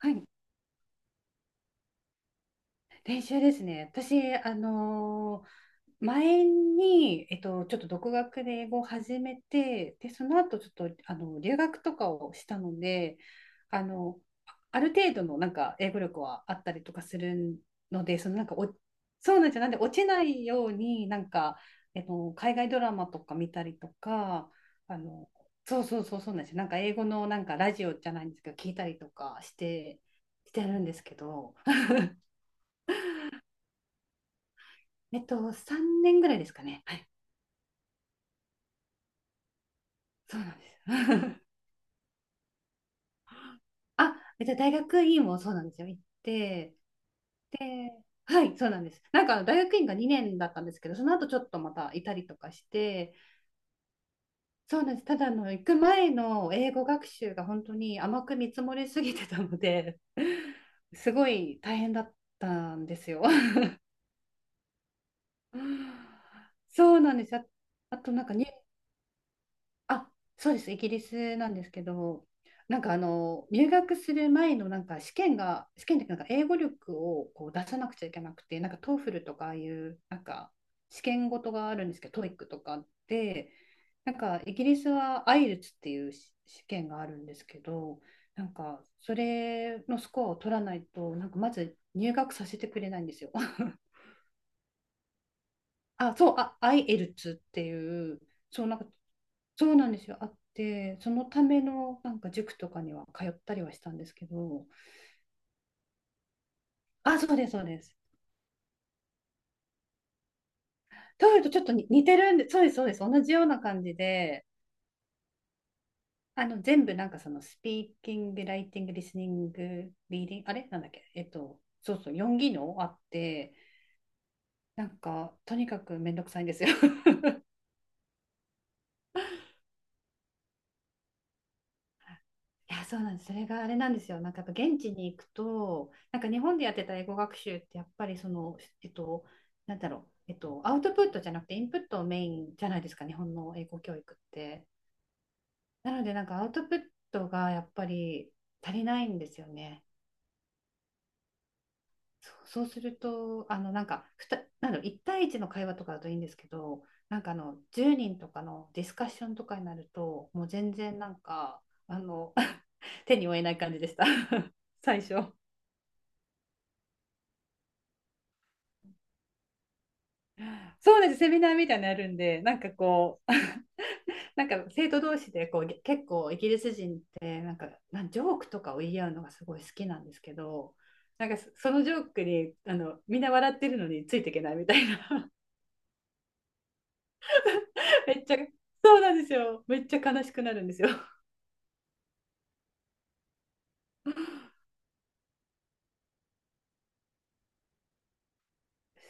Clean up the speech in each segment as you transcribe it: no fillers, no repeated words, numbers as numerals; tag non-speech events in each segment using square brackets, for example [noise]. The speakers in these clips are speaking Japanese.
はい、練習ですね。私、前に、ちょっと独学で英語を始めて、で、その後ちょっと、留学とかをしたので、あの、ある程度のなんか英語力はあったりとかするので、そのなんかお、そうなんですよ。なんで落ちないように、海外ドラマとか見たりとか、あの、そうそうそうそうなんですよ。なんか英語のなんかラジオじゃないんですけど、聞いたりとかして、してるんですけど。えっと、3年ぐらいですかね。はい。そうなんです。はい。あ、えっと、大学院もそうなんですよ。行って、で、はい、そうなんです。なんか、大学院が2年だったんですけど、その後ちょっとまたいたりとかして、そうなんです。ただ、行く前の英語学習が本当に甘く見積もりすぎてたので、[laughs] すごい大変だったんですよ。[laughs] そうなんです。あ。あと、なんかあ、そうです。イギリスなんですけど、入学する前のなんか試験が、試験でなんか英語力をこう出さなくちゃいけなくて、なんか TOEFL とかああいうなんか試験ごとがあるんですけど、TOEIC とかで、なんかイギリスはアイルツっていうし試験があるんですけど、なんかそれのスコアを取らないと、なんかまず入学させてくれないんですよ。[laughs] あ、そう、あ、アイエルツっていう、そう、なんか、そうなんですよ、あって、そのためのなんか塾とかには通ったりはしたんですけど、あ、そうです、そうです。トイレとちょっとに似てるんで、そうです、そうです、同じような感じで、全部なんかその、スピーキング、ライティング、リスニング、リーディング、あれなんだっけ、そうそう、4技能あって、なんか、とにかくめんどくさいんですよ。[laughs] いや、そうなんです。それがあれなんですよ。なんかやっぱ現地に行くと、なんか日本でやってた英語学習ってやっぱりその、アウトプットじゃなくてインプットをメインじゃないですか、日本の英語教育って。なのでなんかアウトプットがやっぱり足りないんですよね。そう、そうすると、あのなんかふた、なんだろう、1対一の会話とかだといいんですけど、なんかあの10人とかのディスカッションとかになると、もう全然なんか、あの [laughs] 手に負えない感じでした [laughs] 最初。そうなんです、セミナーみたいなのやるんで、なんかこう、[laughs] なんか生徒同士でこうげ結構イギリス人ってなんかジョークとかを言い合うのがすごい好きなんですけど、なんかそのジョークにみんな笑ってるのについていけないみたいな、[laughs] めっちゃ、そうなんですよ、めっちゃ悲しくなるんですよ。[laughs]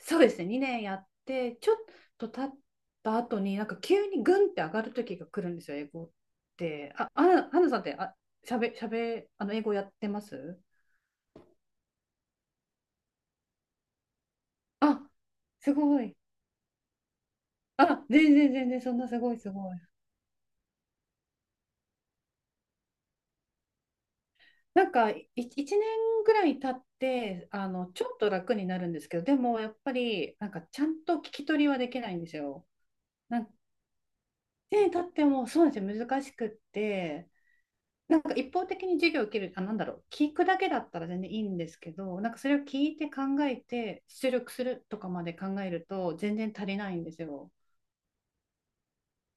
そうですね、2年やってちょっと経った後になんか急にグンって上がる時が来るんですよ、英語って。あ、アナさんってあ、しゃべ、しゃべ、あの英語やってますあ、すごい。あ、全然全然、そんなすごいすごい。なんか、1年ぐらい経って、あの、ちょっと楽になるんですけど、でも、やっぱり、なんか、ちゃんと聞き取りはできないんですよ。なんか、年経っても、そうなんですよ、難しくって、なんか、一方的に授業を受ける、あ、なんだろう、聞くだけだったら全然いいんですけど、なんか、それを聞いて考えて、出力するとかまで考えると、全然足りないんですよ。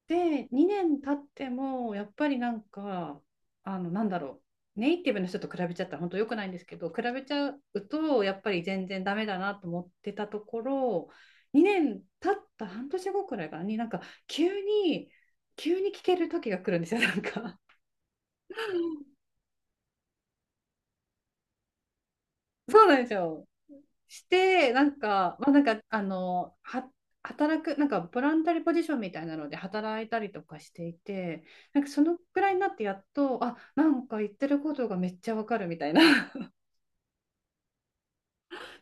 で、2年経っても、やっぱりなんか、あの、なんだろネイティブの人と比べちゃったら本当良くないんですけど、比べちゃうと、やっぱり全然ダメだなと思ってたところ、2年経った半年後くらいからに、なんか、急に、急に聞ける時が来るんですよ、なんか。[laughs] そうなんですよ。して、働く、なんか、ボランタリーポジションみたいなので働いたりとかしていて、なんか、そのくらいになってやっと、あ、なんか言ってることがめっちゃわかるみたいな。[laughs]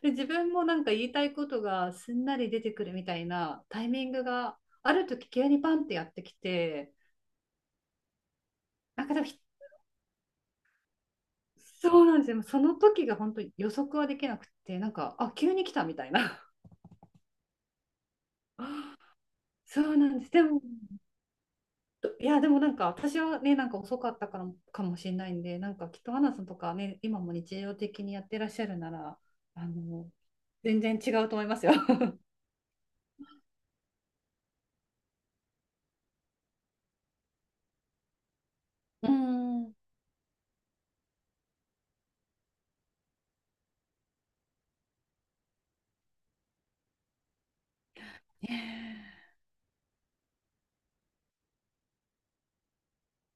で、自分もなんか言いたいことがすんなり出てくるみたいなタイミングがある時急にパンってやってきて、なんか多分ひ、そうなんですよ。その時が本当に予測はできなくて、なんか、あ、急に来たみたいな。[laughs] そうなんです。でも、や、でもなんか私はね、なんか遅かったからかもしれないんで、なんかきっとアンナさんとかね、今も日常的にやってらっしゃるなら、あの、全然違うと思いますよ。[laughs] うーん。[laughs] ね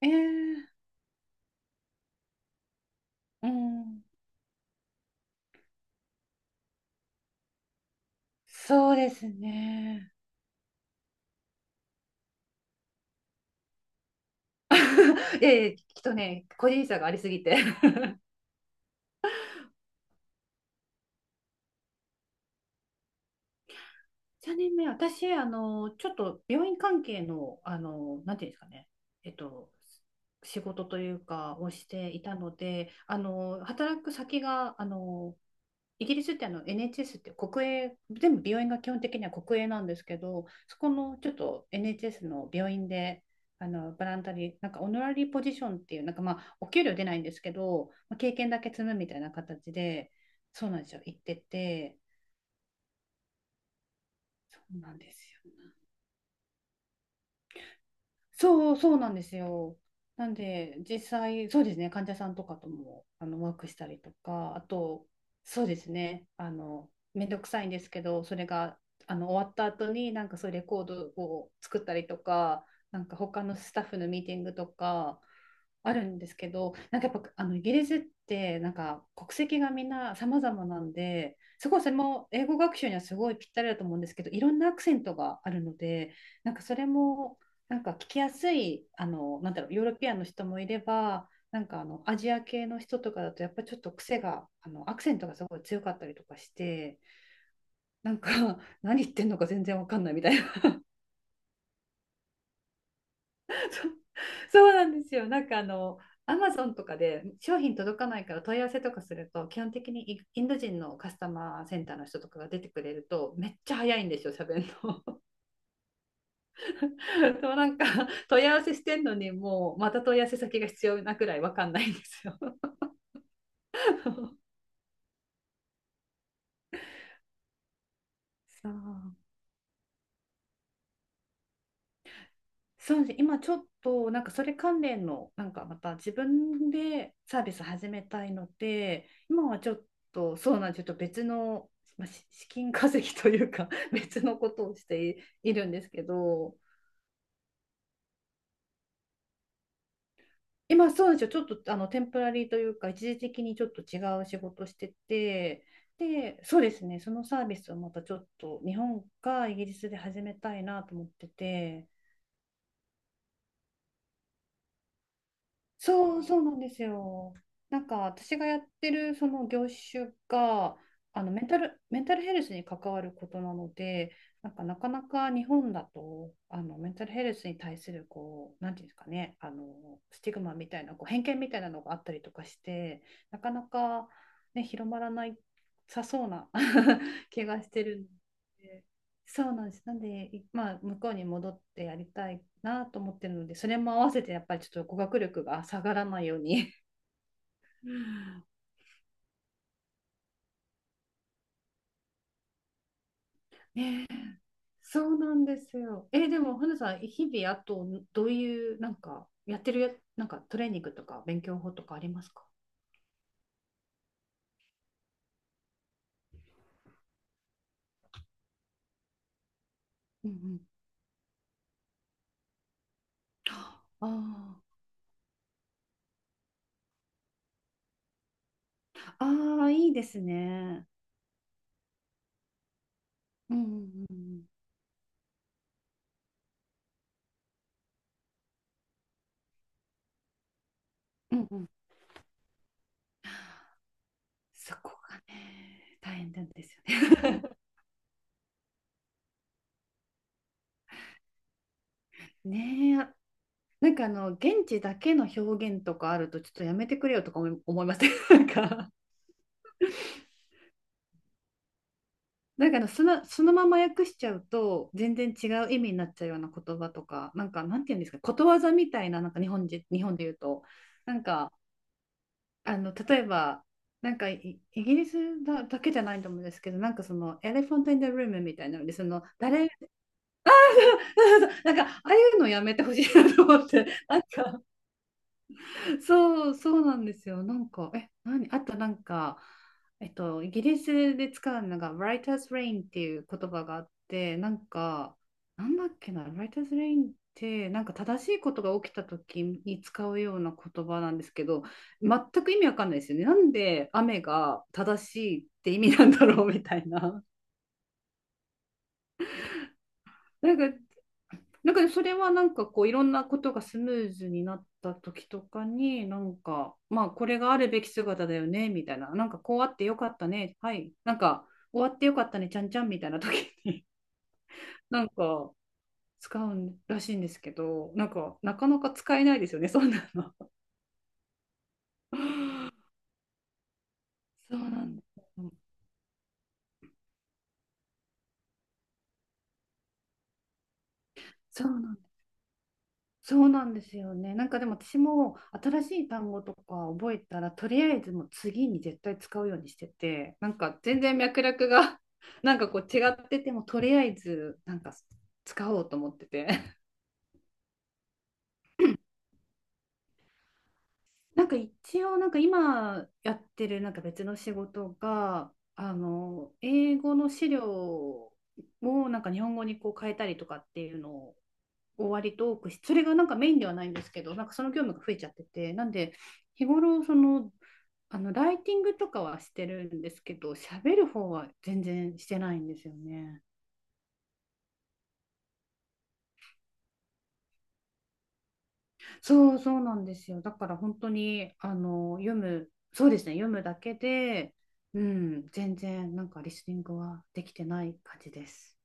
ええうん。そうですね。いやいや、きっとね、個人差がありすぎて。[laughs] 3年目、私、あの、ちょっと病院関係の、あの、なんていうんですかね、えっと、仕事というか、をしていたので、あの、働く先が、あの、イギリスってあの NHS って国営、全部病院が基本的には国営なんですけど、そこのちょっと NHS の病院で、あのボランタリー、なんかオノラリーポジションっていう、なんかまあ、お給料出ないんですけど、まあ、経験だけ積むみたいな形で、そうなんですよ、行ってて、そうなんですよね。そうそうなんですよ。なんで、実際、そうですね、患者さんとかともあのワークしたりとか、あと、そうですね、あの、めんどくさいんですけど、それがあの終わった後に、なんかそういうレコードを作ったりとか、なんか他のスタッフのミーティングとか、あるんですけど、なんかやっぱあのイギリスってなんか国籍がみんな様々なんで、すごいそれも英語学習にはすごいぴったりだと思うんですけど、いろんなアクセントがあるので、なんかそれもなんか聞きやすい、あの、なんだろう、ヨーロピアンの人もいれば、なんかあのアジア系の人とかだとやっぱちょっと癖が、あのアクセントがすごい強かったりとかして、なんか [laughs] 何言ってんのか全然わかんないみたい [laughs] そうなんですよ。なんかあの、アマゾンとかで商品届かないから問い合わせとかすると、基本的にイインド人のカスタマーセンターの人とかが出てくれると、めっちゃ早いんですよ、喋るの。[laughs] そうなんか問い合わせしてんのに、もうまた問い合わせ先が必要なくらいわかんないんですよ。[laughs] そう。そうですね。今ちょっとなんかそれ関連のなんかまた自分でサービス始めたいので、今はちょっとそうなんです。ちょっと別の、まあ、[laughs] 資金稼ぎというか [laughs] 別のことをしているんですけど、今そうなんですよ。ちょっとあのテンプラリーというか、一時的にちょっと違う仕事してて、で、そうですね。そのサービスをまたちょっと日本かイギリスで始めたいなと思ってて。そう、そうなんですよ。なんか私がやってるその業種が、あのメンタルヘルスに関わることなので、なんかなかなか日本だと、あのメンタルヘルスに対するこう、なんていうんですかね、あのスティグマみたいな、こう偏見みたいなのがあったりとかして、なかなか、ね、広まらないさそうな [laughs] 気がしてるので。そうなんです。なんで、いまあ、向こうに戻ってやりたいなと思ってるので、それも合わせてやっぱりちょっと語学力が下がらないように。うん、そうなんですよ。え、でも、花さん、日々、あと、どういう、なんか、やってるや、なんか、トレーニングとか、勉強法とかありますか？うんうん。ああ、ああ、いいですね。うんうんうんうん。うんうん。そこがね、大変なんですよね。[laughs] ねえ、なんかあの、現地だけの表現とかあるとちょっとやめてくれよとか[laughs] 思いません？ [laughs] なんかあのその、そのまま訳しちゃうと全然違う意味になっちゃうような言葉とか、なんかなんて言うんですか、ことわざみたいな、なんか日本人、日本で言うと、なんかあの、例えばなんかイギリスだけじゃないと思うんですけど、なんかそのエレファント・イン・ザ・ルームみたいなので、その誰 [laughs] なんかああいうのやめてほしいなと思ってなんか。 [laughs] そう、そうなんですよ。なんか、あとなんか、イギリスで使うのが、Writer's Rain っていう言葉があって、なんか、なんだっけな、Writer's Rain って、なんか正しいことが起きた時に使うような言葉なんですけど、全く意味わかんないですよね。なんで雨が正しいって意味なんだろうみたいな。なんか、なんかそれはなんかこう、いろんなことがスムーズになった時とかに、なんかまあこれがあるべき姿だよねみたいな、なんかこうあってよかったね、はい、なんか終わってよかったねちゃんちゃんみたいな時に [laughs] なんか使うらしいんですけど、なんかなかなか使えないですよね、そんなの。[laughs] そうなんですよ。[laughs] そうそうなんですよね。なんかでも私も新しい単語とか覚えたら、とりあえずもう次に絶対使うようにしてて、なんか全然脈絡が [laughs] なんかこう違ってても、とりあえずなんか使おうと思ってて。[laughs] なんか一応なんか今やってるなんか別の仕事が、あの、英語の資料をなんか日本語にこう変えたりとかっていうの割と多くし、それがなんかメインではないんですけど、なんかその業務が増えちゃってて、なんで日頃その、あのライティングとかはしてるんですけど、喋る方は全然してないんですよね。そうそうなんですよ。だから本当にあの読む、そうですね、読むだけで、うん、全然なんかリスニングはできてない感じです。